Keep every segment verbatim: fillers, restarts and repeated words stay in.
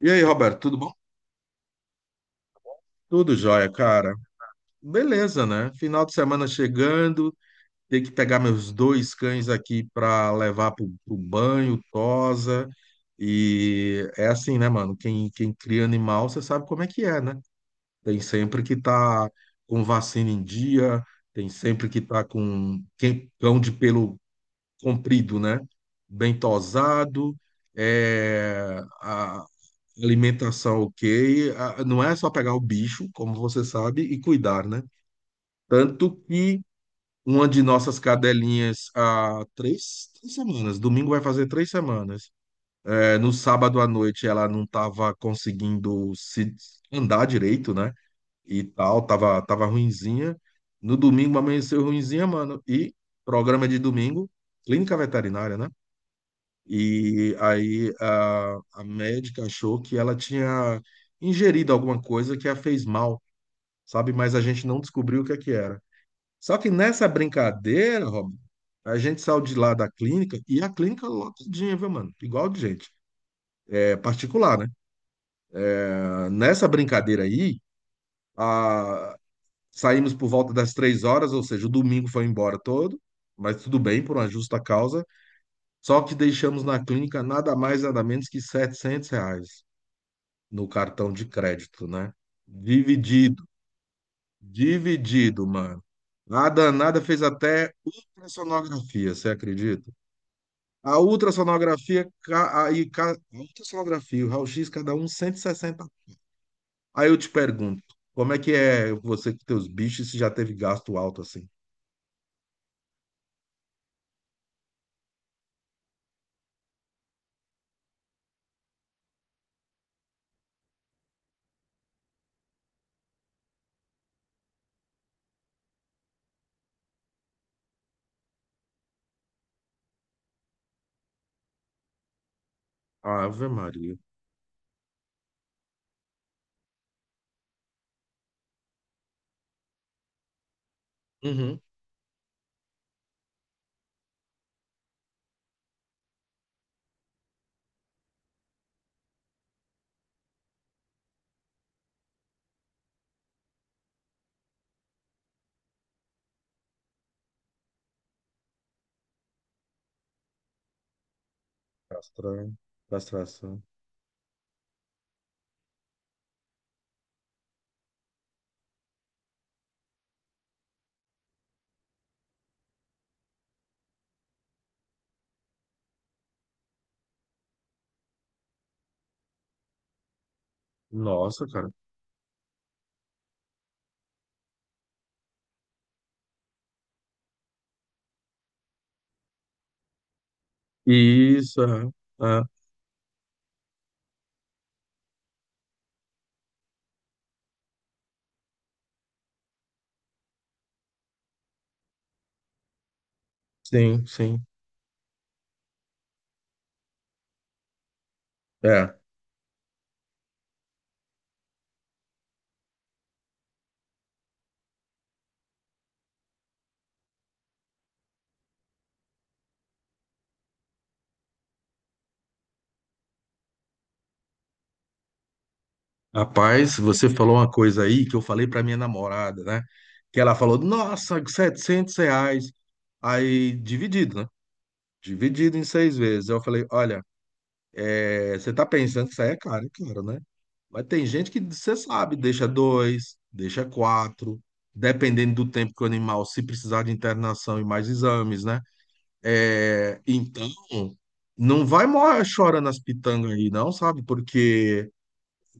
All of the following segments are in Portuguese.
E aí, Roberto, tudo bom? Tudo jóia, cara. Beleza, né? Final de semana chegando, tenho que pegar meus dois cães aqui pra levar pro, pro banho, tosa. E é assim, né, mano? Quem, quem cria animal, você sabe como é que é, né? Tem sempre que tá com vacina em dia, tem sempre que tá com quem- cão de pelo comprido, né? Bem tosado. É, alimentação ok. Ah, não é só pegar o bicho, como você sabe, e cuidar, né? Tanto que uma de nossas cadelinhas há três, três semanas, domingo vai fazer três semanas. É, no sábado à noite ela não estava conseguindo se andar direito, né? E tal, tava, tava ruinzinha. No domingo amanheceu ruinzinha, mano. E programa de domingo, clínica veterinária, né? E aí a, a médica achou que ela tinha ingerido alguma coisa que a fez mal, sabe? Mas a gente não descobriu o que é que era. Só que nessa brincadeira, Rob, a gente saiu de lá da clínica e a clínica lotadinha, viu, mano? Igual de gente. É particular, né? Ah, nessa brincadeira aí, a... saímos por volta das três horas, ou seja, o domingo foi embora todo, mas tudo bem, por uma justa causa. Só que deixamos na clínica nada mais, nada menos que setecentos reais, no cartão de crédito, né? Dividido, dividido, mano. A danada fez até ultrassonografia, você acredita? A ultrassonografia, ca- aí, ca- a ultrassonografia, o raio-x, cada um cento e sessenta. Aí eu te pergunto, como é que é você com teus bichos se já teve gasto alto assim? Ave Maria. Uhum. Castração. Castração. Nossa, cara. Isso, é. É. Sim, sim. É. Rapaz, você falou uma coisa aí que eu falei para minha namorada, né? Que ela falou, nossa, setecentos reais. Aí, dividido, né? Dividido em seis vezes. Eu falei, olha, é, você tá pensando que isso aí é caro, é caro, né? Mas tem gente que, você sabe, deixa dois, deixa quatro, dependendo do tempo que o animal, se precisar de internação e mais exames, né? É, então, não vai mo- chorando as pitangas aí, não, sabe? Porque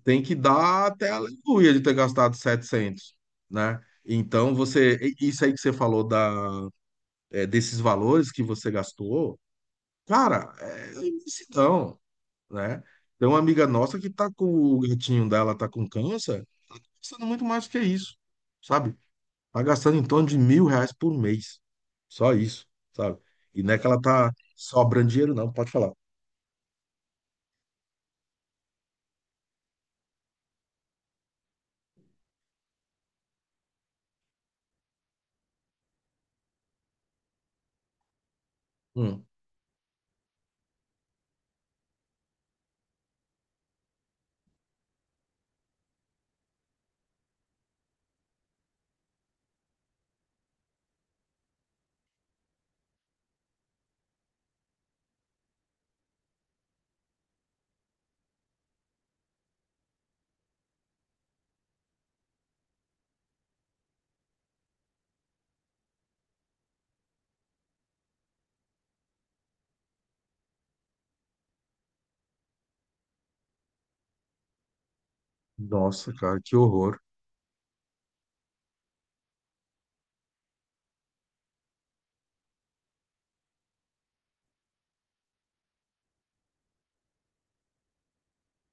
tem que dar até aleluia de ter gastado setecentos, né? Então, você, e- isso aí que você falou da, é, desses valores que você gastou, cara, é imensidão, né? Tem uma amiga nossa que tá com o gatinho dela, tá com câncer, gastando muito mais que isso, sabe? Tá gastando em torno de mil reais por mês, só isso, sabe? E não é que ela tá sobrando dinheiro, não, pode falar. Hum, nossa, cara, que horror.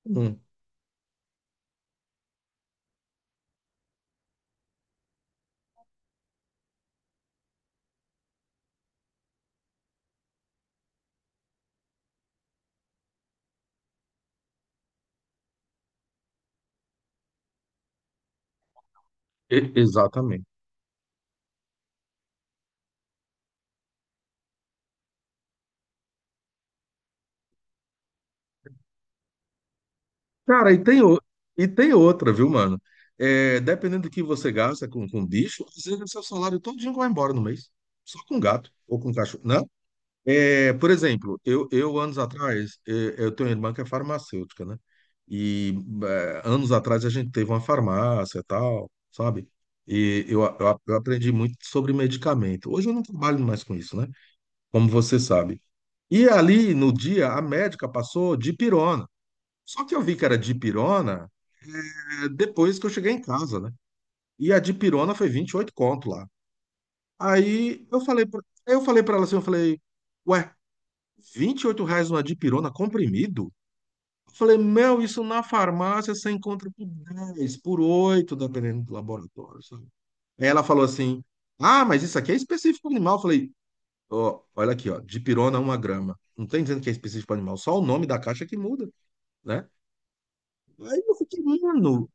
Hum, e- exatamente. Cara, e tem, o- e tem outra, viu, mano? É, dependendo do que você gasta com, com bicho, às vezes o seu salário todinho vai embora no mês. Só com gato ou com cachorro, né? É, por exemplo, eu, eu anos atrás, eu, eu tenho uma irmã que é farmacêutica, né? E é, anos atrás a gente teve uma farmácia e tal, sabe? E eu, eu, eu aprendi muito sobre medicamento. Hoje eu não trabalho mais com isso, né? Como você sabe. E ali no dia, a médica passou dipirona. Só que eu vi que era dipirona, é, depois que eu cheguei em casa, né? E a de pirona foi vinte e oito conto lá. Aí eu falei, pra- eu falei para ela assim, eu falei, ué, vinte e oito reais uma de pirona comprimido? Eu falei, meu, isso na farmácia você encontra por dez, por oito, dependendo do laboratório, sabe? Aí ela falou assim, ah, mas isso aqui é específico para animal. Eu falei, ó, olha aqui, ó, de pirona uma grama. Não tem dizendo que é específico para animal, só o nome da caixa que muda, né? Aí eu fiquei, mano,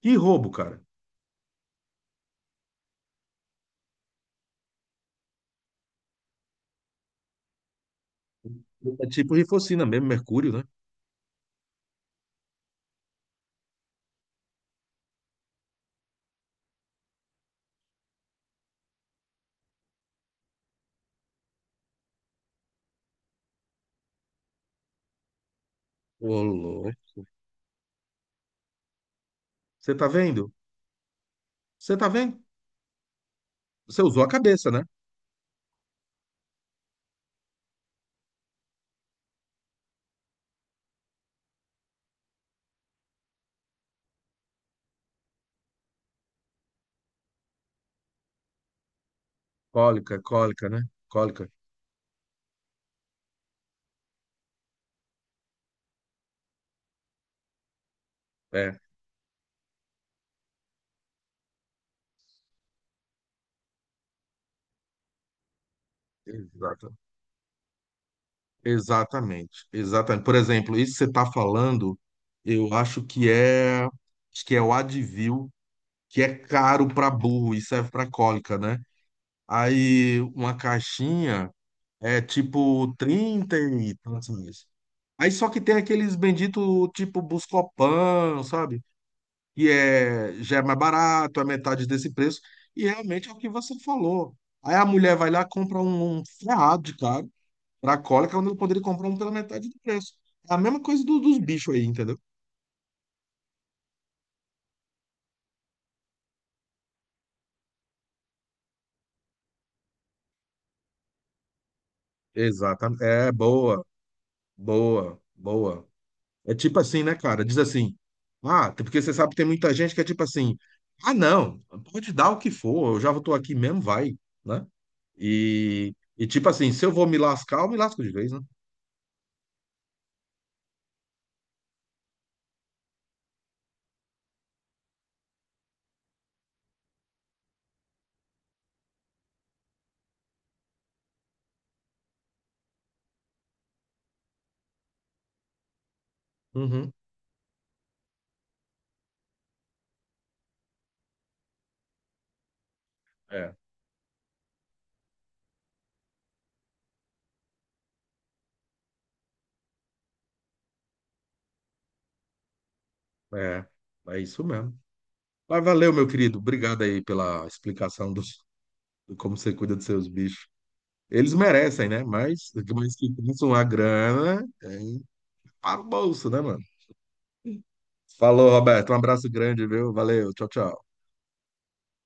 que roubo, cara. É tipo rifocina mesmo, mercúrio, né? Ô, louco. Você tá vendo? Você tá vendo? Você usou a cabeça, né? Cólica, cólica, né? Cólica. É, exata. Exatamente, exatamente. Por exemplo, isso que você tá falando, eu acho que é, acho que é o Advil, que é caro para burro e serve para cólica, né? Aí uma caixinha é tipo trinta e tantos reais. Aí só que tem aqueles bendito tipo Buscopan, sabe? E é, já é mais barato, é metade desse preço, e realmente é o que você falou. Aí a mulher vai lá, compra um, um ferrado de caro para cólica, quando eu poderia comprar um pela metade do preço. É a mesma coisa do- dos bichos aí, entendeu? Exatamente. É, boa, boa, boa. É tipo assim, né, cara? Diz assim, ah, porque você sabe que tem muita gente que é tipo assim, ah, não, pode dar o que for, eu já tô aqui mesmo, vai, né? E, e tipo assim, se eu vou me lascar, eu me lasco de vez, né? Uhum. É. É, é isso mesmo. Mas valeu, meu querido. Obrigado aí pela explicação dos, de como você cuida dos seus bichos. Eles merecem, né? Mas, mas que isso, uma grana, é, para o bolso, né, mano? Falou, Roberto. Um abraço grande, viu? Valeu. Tchau, tchau.